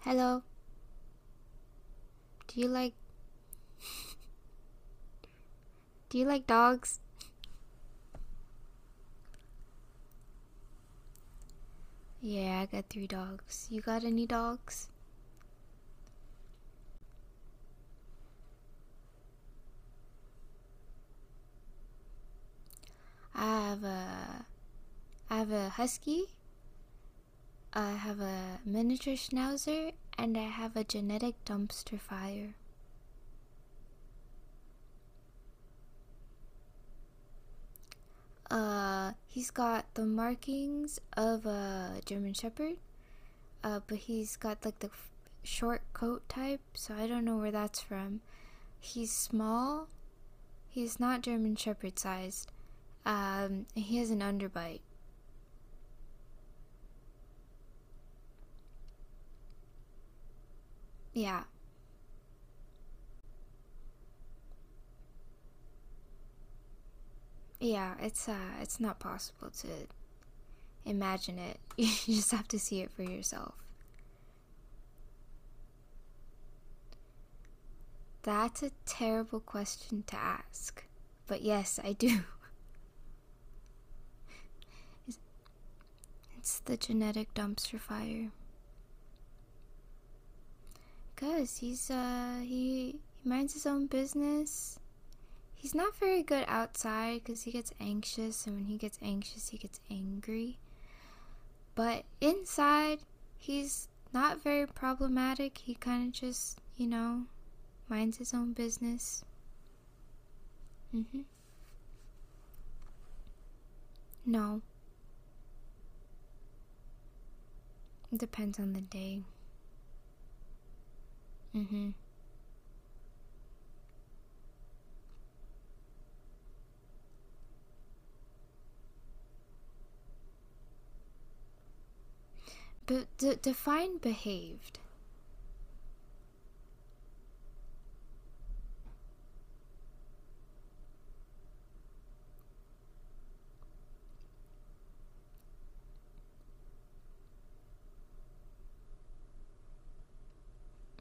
Hello. Do you like do you like dogs? Yeah, I got 3 dogs. You got any dogs? I have a I have a husky, I have a miniature schnauzer, and I have a genetic dumpster fire. He's got the markings of a German shepherd, but he's got like the short coat type, so I don't know where that's from. He's small. He's not German shepherd sized. He has an underbite. Yeah. Yeah, it's not possible to imagine it. You just have to see it for yourself. That's a terrible question to ask. But yes, I do. It's the genetic dumpster fire. Cause he minds his own business. He's not very good outside because he gets anxious, and when he gets anxious, he gets angry. But inside, he's not very problematic. He kind of just, minds his own business. Mm-hmm. No, it depends on the day. Mm-hmm. But define behaved.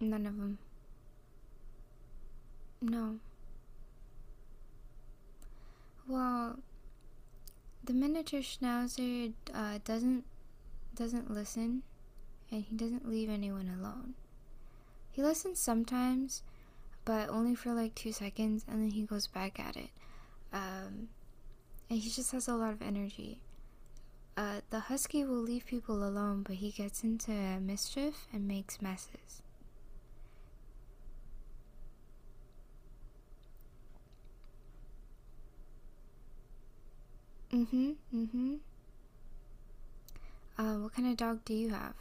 None of them. No. Well, the miniature schnauzer doesn't listen, and he doesn't leave anyone alone. He listens sometimes, but only for like 2 seconds, and then he goes back at it. Um, and he just has a lot of energy. The husky will leave people alone, but he gets into mischief and makes messes. Mm-hmm. Mm-hmm. What kind of dog do you have?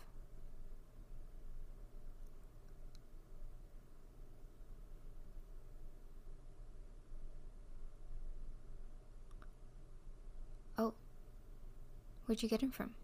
Oh, where'd you get him from?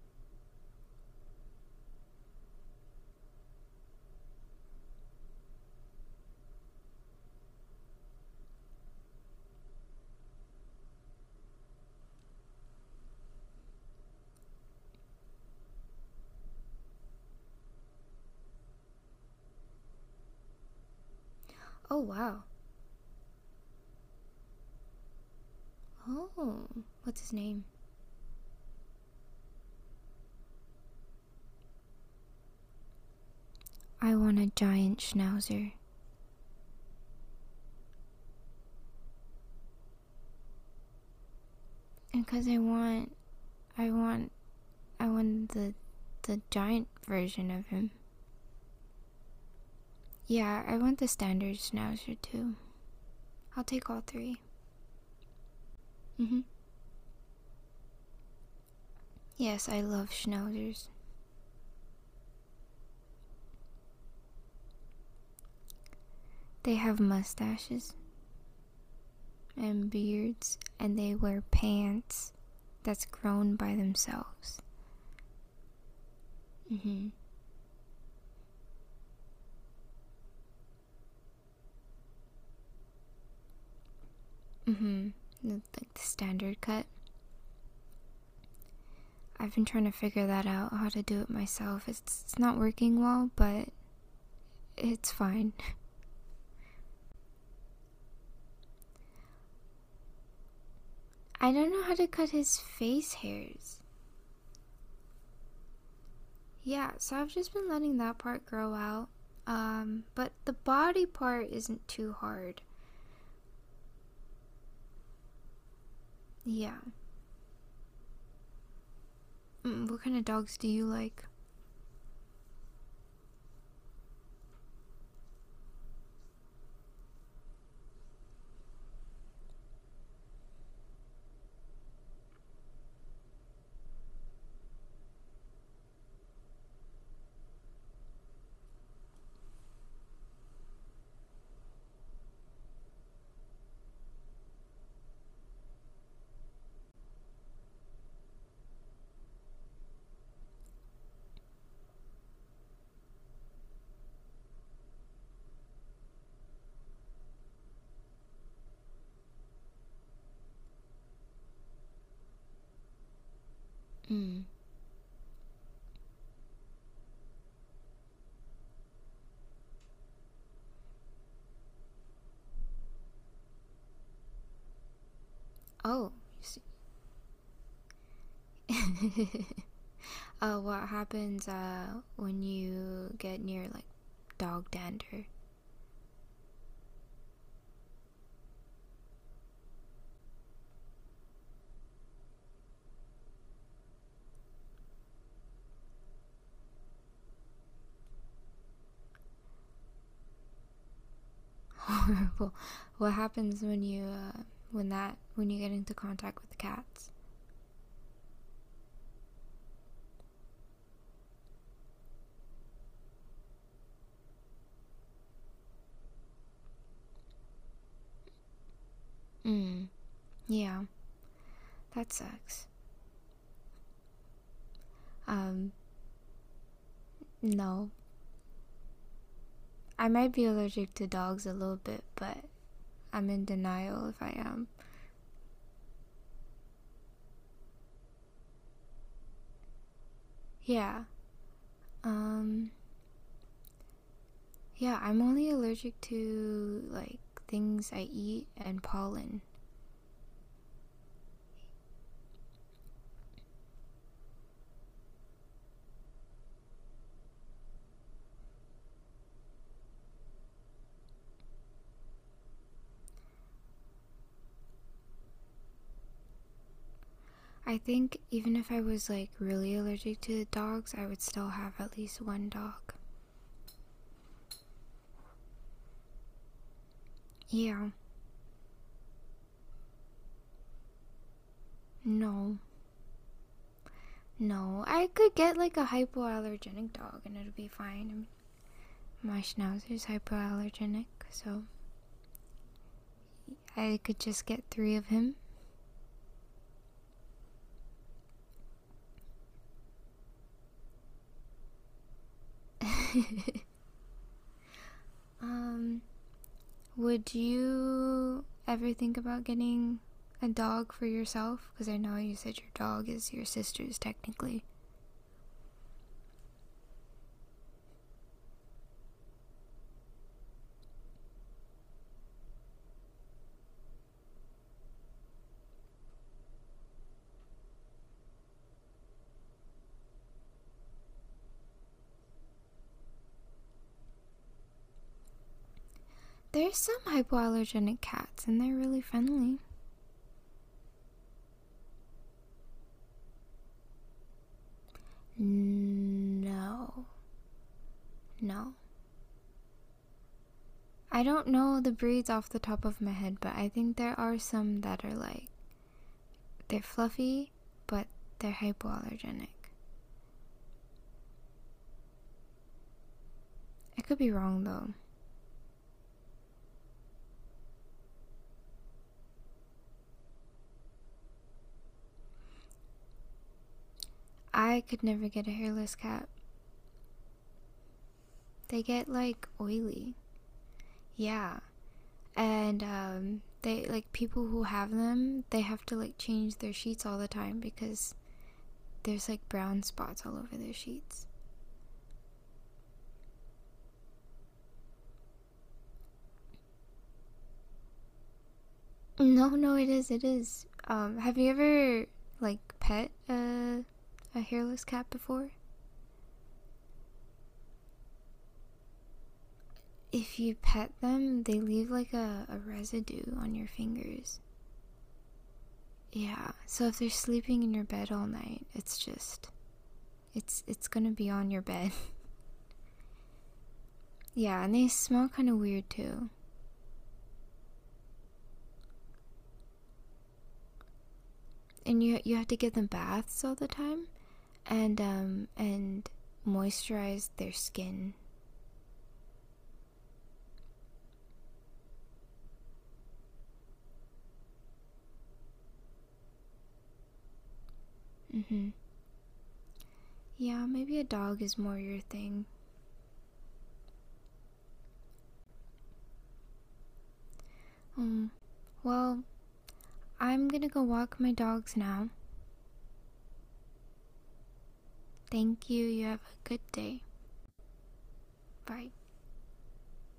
Oh, wow. Oh, what's his name? I want a giant schnauzer. And cuz I want I want the giant version of him. Yeah, I want the standard schnauzer too. I'll take all 3. Mhm. Yes, I love schnauzers. They have mustaches and beards and they wear pants that's grown by themselves. Mhm. Mhm. Like the standard cut. I've been trying to figure that out, how to do it myself. It's not working well, but it's fine. I don't know how to cut his face hairs. Yeah, so I've just been letting that part grow out. But the body part isn't too hard. Yeah. Mm, what kind of dogs do you like? Mm. Oh, you see. What happens when you get near like dog dander? Horrible. What happens when you get into contact with cats? Mm. Yeah, that sucks. Um, no, I might be allergic to dogs a little bit, but I'm in denial if I am. Yeah. Um, yeah, I'm only allergic to like things I eat and pollen. I think even if I was like really allergic to dogs, I would still have at least one dog. Yeah. No. No, I could get like a hypoallergenic dog and it'll be fine. I mean, my schnauzer's hypoallergenic, so I could just get 3 of him. um, would you ever think about getting a dog for yourself? Because I know you said your dog is your sister's technically. There's some hypoallergenic cats and they're really friendly. No, no. I don't know the breeds off the top of my head, but I think there are some that are like they're fluffy, but they're hypoallergenic. I could be wrong though. I could never get a hairless cat. They get like oily. Yeah. And they like people who have them, they have to like change their sheets all the time because there's like brown spots all over their sheets. No, no, it is. It is. Um, have you ever like pet a hairless cat before? If you pet them, they leave like a residue on your fingers. Yeah. So if they're sleeping in your bed all night, it's just it's gonna be on your bed. Yeah, and they smell kind of weird too. And you have to give them baths all the time and moisturize their skin. Mm-hmm. Yeah, maybe a dog is more your thing. Um, well, I'm gonna go walk my dogs now. Thank you. You have a good day. Bye.